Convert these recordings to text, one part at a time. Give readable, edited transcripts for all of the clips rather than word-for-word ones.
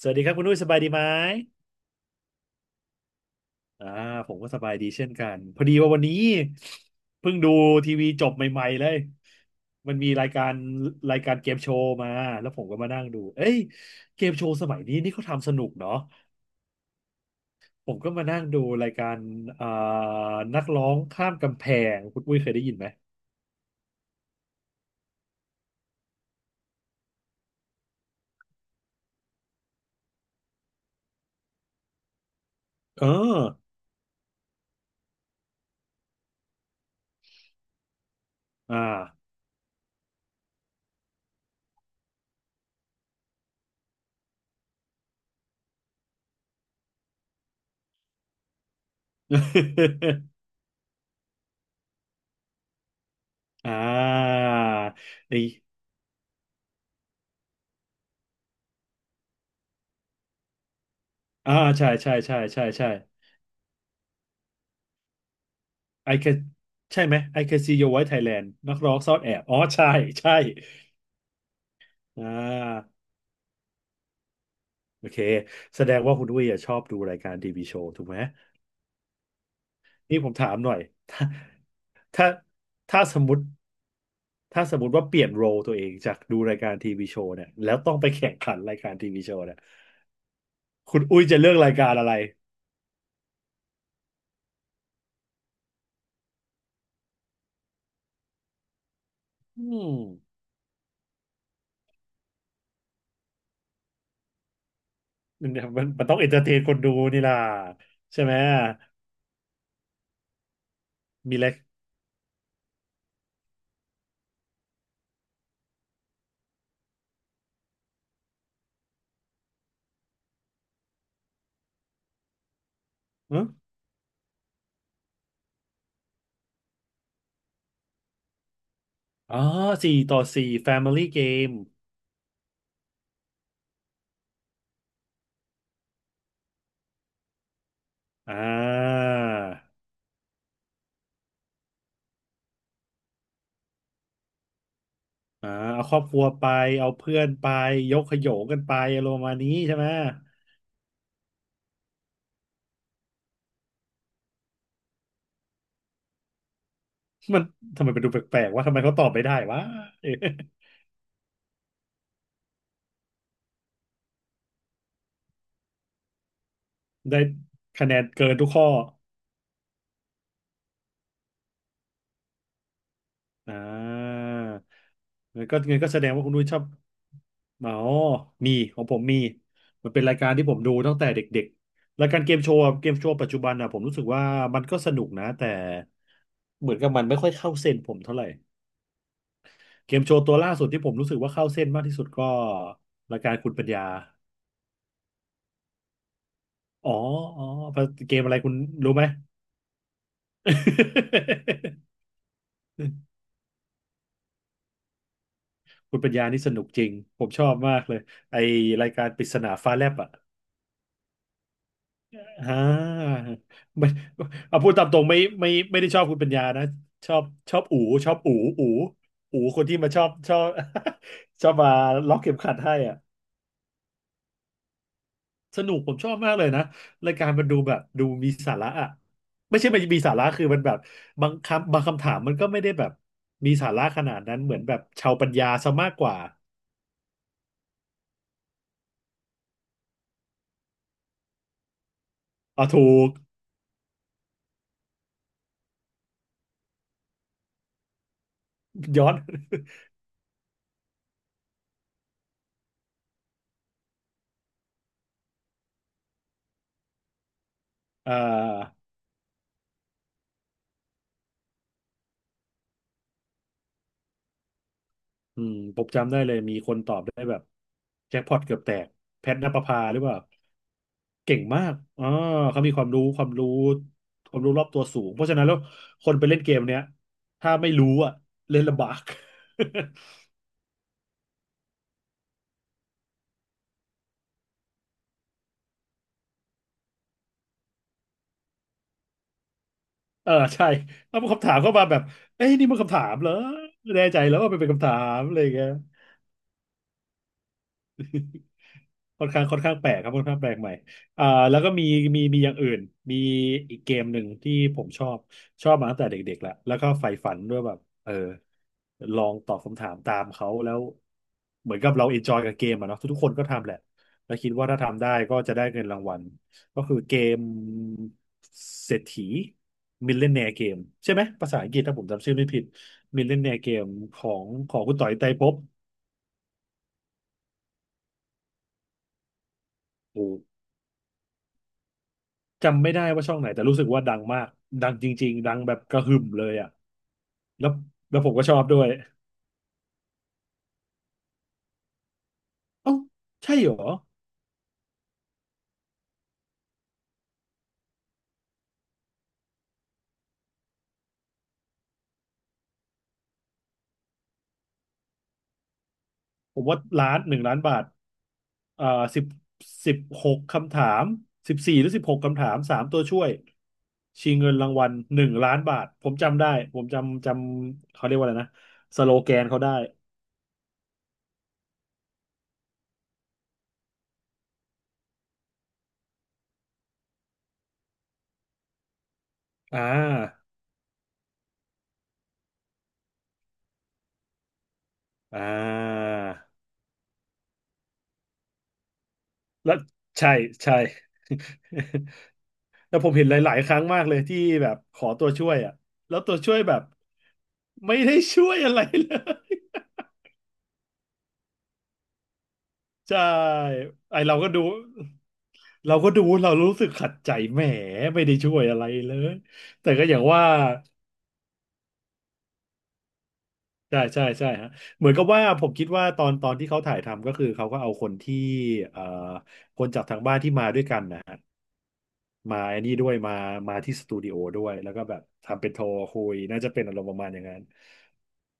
สวัสดีครับคุณนุ้ยสบายดีไหมอ่าผมก็สบายดีเช่นกันพอดีว่าวันนี้เพิ่งดูทีวีจบใหม่ๆเลยมันมีรายการเกมโชว์มาแล้วผมก็มานั่งดูเอ้ยเกมโชว์สมัยนี้นี่เขาทำสนุกเนาะผมก็มานั่งดูรายการอ่านักร้องข้ามกำแพงคุณอุ้ยเคยได้ยินไหมเอออ่า อ่าไออ่าใช่ใช่ใช่ใช่ใช่ ไอแคใช่ไหมไอแคซีโยไว้ไทยแลนด์นักร้องซ่อนแอบอ๋อใช่ ใช่อ่าโอเคแสดงว่าคุณอุ้ยอะชอบดูรายการทีวีโชว์ถูกไหมนี่ผมถามหน่อยถ้าถ้าถ้าสมมติถ้าสมมติว่าเปลี่ยนโรลตัวเองจากดูรายการทีวีโชว์เนี่ยแล้วต้องไปแข่งขันรายการทีวีโชว์เนี่ยคุณอุ้ยจะเลือกรายการอะไรอืมมันมันต้องเอนเตอร์เทนคนดูนี่ล่ะใช่ไหมมีอะไรอ๋อสี่ต่อสี่ Family Game อ่า อ่าเอาครอบครัวไปเอาเพื่อนไปยกขยงกันไปอารมณ์ประมาณนี้ใช่ไหมมันทำไมไปดูแปลกๆว่าทำไมเขาตอบไม่ได้วะ ได้คะแนนเกินทุกข้ออ่างั้นก็แสดงว่าคุณนุ้ยชอบอ๋อมีของผมมีมันเป็นรายการที่ผมดูตั้งแต่เด็กๆรายการเกมโชว์อะเกมโชว์ปัจจุบันอ่ะผมรู้สึกว่ามันก็สนุกนะแต่เหมือนกับมันไม่ค่อยเข้าเส้นผมเท่าไหร่ เกมโชว์ตัวล่าสุดที่ผมรู้สึกว่าเข้าเส้นมากที่สุดก็รายการคุณปัญญา อ๋ออ๋อเกมอะไรคุณรู้ไหม คุณปัญญานี่สนุกจริง ผมชอบมากเลยไอรายการปริศนาฟ้าแลบอ่ะอ่าไม่เอาพูดตามตรงไม่ได้ชอบคุณปัญญานะ ชอบชอบอู๋ชอบอู๋อู๋อู๋คนที่มาชอบ ชอบมาล็อกเข็มขัดให้อ่ะ สนุกผมชอบมากเลยนะรายการมันดูแบบดูมีสาระอ่ะไม่ใช่มันมีสาระคือมันแบบบางคำถามมันก็ไม่ได้แบบมีสาระขนาดนั้นเหมือนแบบชาวปัญญาซะมากกว่าเอาถูกย้อน เอ่อผมจำได้เลยมีคนตอบได้แบบแจ็คพอตเกือบแตกแพทณปภาหรือเปล่าเก่งมากอ๋อเขามีความรู้รอบตัวสูงเพราะฉะนั้นแล้วคนไปเล่นเกมเนี้ยถ้าไม่รู้อ่ะเล่นลำบาก เออใช่เอาคำถามเข้ามาแบบ เอ้ยนี่มันคำถามเหรอไม่แน่ใจแล้วว่ามันเป็นคำถามอะไรอย่างเงี้ย ค่อนข้างแปลกครับค่อนข้างแปลกใหม่อ่าแล้วก็มีอย่างอื่นมีอีกเกมหนึ่งที่ผมชอบมาตั้งแต่เด็กๆแล้วก็ใฝ่ฝันด้วยแบบลองตอบคำถามตามเขาแล้วเหมือนกับเราเอนจอยกับเกมอะเนาะทุกๆคนก็ทำแหละแล้วคิดว่าถ้าทำได้ก็จะได้เงินรางวัลก็คือเกมเศรษฐีมิลเลนเนียร์เกมใช่ไหมภาษาอังกฤษถ้าผมจำชื่อไม่ผิดมิลเลนเนียร์เกมของคุณต่อยไตรภพโอ้ จำไม่ได้ว่าช่องไหนแต่รู้สึกว่าดังมากดังจริงๆดังแบบกระหึ่มเลยอ่ะแล้วแล้วผมก็ชอบด้วยเอ้าใช่เหรอผมว่าล้านหนึ่งล้านบาทเอ่อสิบสิบหกคำถาม14 หรือ 16 คำถามสามตัวช่วยชิงเงินรางวัลหนึ่งล้านบาทผมจำได้ผมจำเขาเรียกว่าอะไรนะสโลแกนเขาได้อ่าอ่าแล้วใช่ใช่ แต่ผมเห็นหลายๆครั้งมากเลยที่แบบขอตัวช่วยอ่ะแล้วตัวช่วยแบบไม่ได้ช่วยอะไรเลย ใช่ไอเราก็ดูเราก็ดูเรารู้สึกขัดใจแหมไม่ได้ช่วยอะไรเลยแต่ก็อย่างว่าใช่ใช่ใช่ฮะเหมือนกับว่าผมคิดว่าตอนที่เขาถ่ายทำก็คือเขาก็เอาคนที่เอ่อคนจากทางบ้านที่มาด้วยกันนะ มาไอ้นี่ด้วยมาที่สตูดิโอด้วยแล้วก็แบบทำเป็นโทรคุยน่าจะเป็นอารมณ์ประมาณอย่างนั้น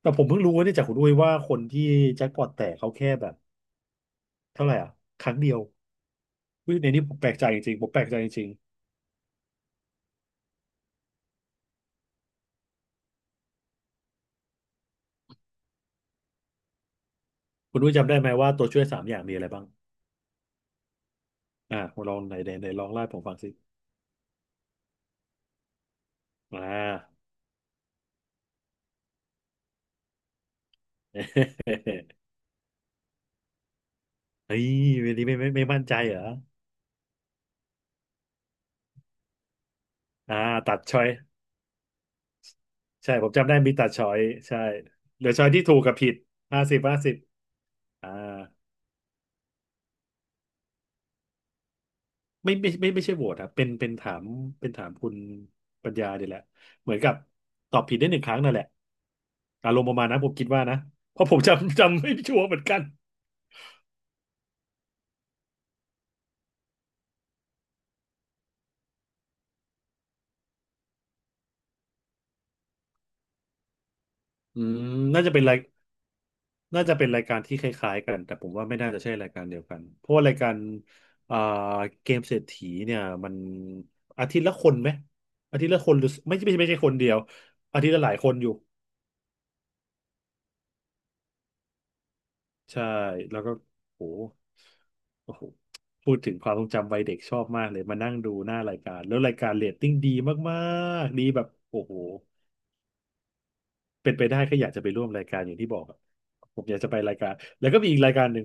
แต่ผมเพิ่งรู้ว่าเนี่ยจากคุณด้วยว่าคนที่แจ็คพอตแตกเขาแค่แบบเท่าไหร่อ่ะครั้งเดียวอุ๊ยในนี้ผมแปลกใจจริงๆผมแปลกใจจริงๆคุณด้วยจำได้ไหมว่าตัวช่วยสามอย่างมีอะไรบ้างอ่าลองไหนไหนไหนลองไล่าให้ผมฟังสิอ่า เฮ้ยวันนี้ไม่มั่นใจเหรออ่าตัดช้อยใช่ผมจำได้มีตัดช้อยใช่เหลือช้อยที่ถูกกับผิด50-50อ่า ไม่ใช่โหวตครับเป็นถามเป็นถามคุณปัญญาเนี่ยแหละเหมือนกับตอบผิดได้หนึ่งครั้งนั่นแหละอารมณ์ประมาณนั้นผมคิดว่านะเพราะผมจำไม่ชัวร์เหมือนกันอืมน่าจะเป็นรายน่าจะเป็นรายการที่คล้ายๆกันแต่ผมว่าไม่น่าจะใช่รายการเดียวกันเพราะว่ารายการอ่าเกมเศรษฐีเนี่ยมันอาทิตย์ละคนไหมอาทิตย์ละคนหรือไม่ใช่คนเดียวอาทิตย์ละหลายคนอยู่ ใช่แล้วก็โหโอ้โหพูดถึงความทรงจำวัยเด็กชอบมากเลยมานั่งดูหน้ารายการแล้วรายการเรตติ้งดีมากๆดีแบบโอ้โหเป็นไปได้ก็อยากจะไปร่วมรายการอย่างที่บอกอะผมอยากจะไปรายการแล้วก็มีอีกรายการหนึ่ง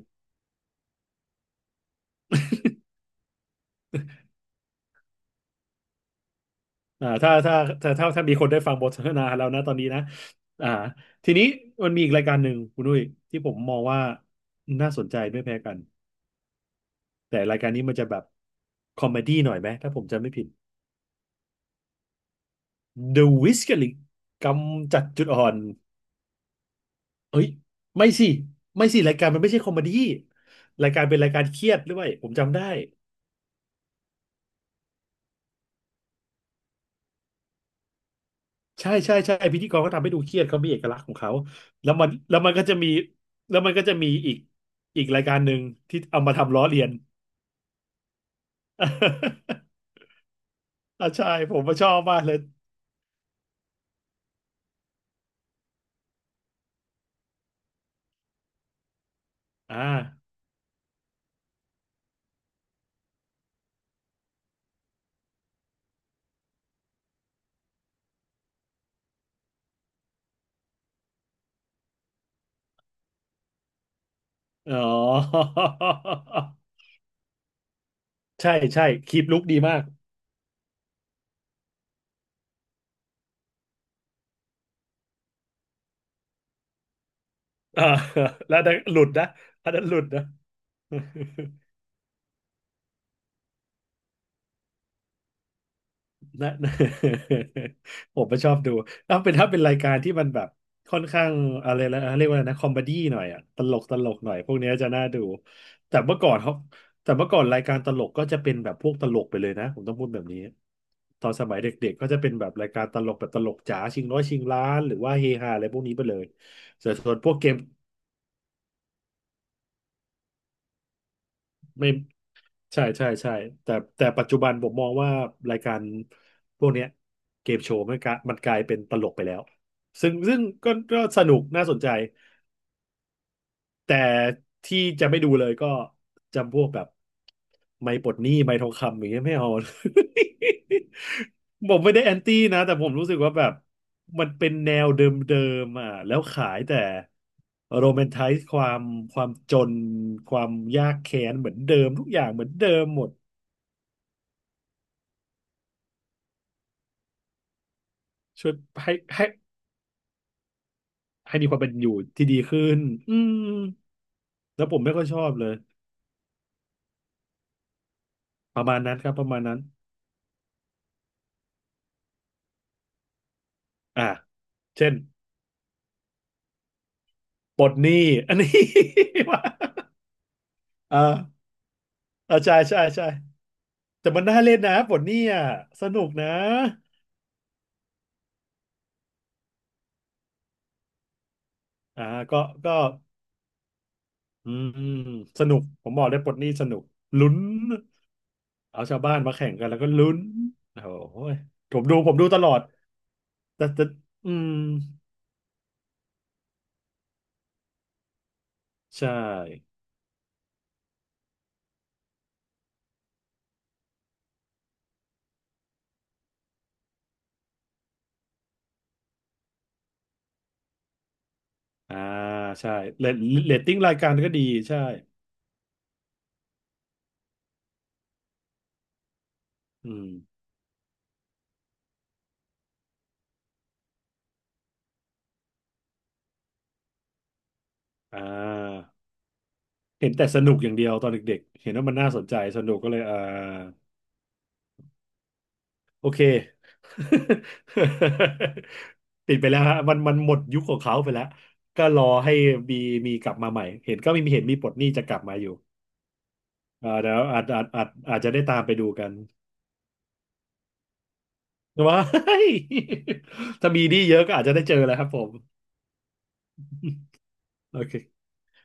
อ่าถ้าถ้ามีคนได้ฟังบทสนทนาแล้วนะตอนนี้นะอ่าทีนี้มันมีอีกรายการหนึ่งคุณนุ้ยที่ผมมองว่าน่าสนใจไม่แพ้กันแต่รายการนี้มันจะแบบคอมเมดี้หน่อยไหมถ้าผมจำไม่ผิด The Whisker League กำจัดจุดอ่อนเอ้ยไม่สิไม่สิรายการมันไม่ใช่คอมเมดี้รายการเป็นรายการเครียดด้วยผมจำได้ใช่ใช่ใช่พิธีกรก็ทำให้ดูเครียดเขามีเอกลักษณ์ของเขาแล้วมันก็จะมีแล้วมันก็จะมีอีกรายการหนึ่งที่เอามาทำล้อเลียน อ่าใช่ผมก็ชอบมากเลยอ่าอ๋อ ใช่ใช่คลิปลุกดีมากอ่าแล้วอันนั้นหลุดนะอันนั้นหลุดนะ นะ ผมก็ชอบดูถ้าเป็นรายการที่มันแบบค่อนข้างอะไรนะเรียกว่าอะไรนะคอมเมดี้หน่อยอะตลกตลกหน่อยพวกเนี้ยจะน่าดูแต่เมื่อก่อนเขาแต่เมื่อก่อนรายการตลกก็จะเป็นแบบพวกตลกไปเลยนะผมต้องพูดแบบนี้ตอนสมัยเด็กๆก็จะเป็นแบบรายการตลกแบบตลกจ๋าชิงร้อยชิงล้านหรือว่าเฮฮาอะไรพวกนี้ไปเลยแต่ส่วนพวกเกมไม่ ใช่ใช่ใช่แต่แต่ปัจจุบันผมมองว่ารายการพวกเนี้ยเกมโชว์มันกลายเป็นตลกไปแล้วซึ่งก็สนุกน่าสนใจแต่ที่จะไม่ดูเลยก็จำพวกแบบไม่ปลดหนี้ไม่ทองคำอย่างเงี้ยไม่เอา ผมไม่ได้แอนตี้นะแต่ผมรู้สึกว่าแบบมันเป็นแนวเดิมๆอ่ะแล้วขายแต่โรแมนไทซ์ความความจนความยากแค้นเหมือนเดิมทุกอย่างเหมือนเดิมหมด ช่วยให้ให้มีความเป็นอยู่ที่ดีขึ้นอืมแล้วผมไม่ค่อยชอบเลยประมาณนั้นครับประมาณนั้นอ่าเช่นปลดหนี้ อันนี้ ว่าอ่าอ่าใช่ใช่ใช่แต่มันน่าเล่นนะปลดหนี้อ่ะสนุกนะอ่าก็ก็อืมสนุกผมบอกเลยปลดหนี้สนุกลุ้นเอาชาวบ้านมาแข่งกันแล้วก็ลุ้นโอ้โหผมดูตลอดแต่อืมใช่ อ่าใช่เรตเรตติ้งรายการก็ดีใช่อืมอ่าเห็นแต่สนุกอย่างเดียวตอนเด็กๆเห็นว่ามันน่าสนใจสนุกก็เลยอ่าโอเค ติดไปแล้วฮะมันหมดยุคของเขาไปแล้วก็รอให้มีมีกลับมาใหม่เห็นก็มีเห็นมีปลดหนี้จะกลับมาอยู่อ่าเดี๋ยวอาจจะได้ตามไปดูกันว้าย ถ้ามีหนี้เยอะก็อาจจะได้เจอแล้วครับผมโอเค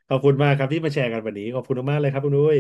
ขอบคุณมากครับที่มาแชร์กันวันนี้ขอบคุณมากๆเลยครับคุณนุ้ย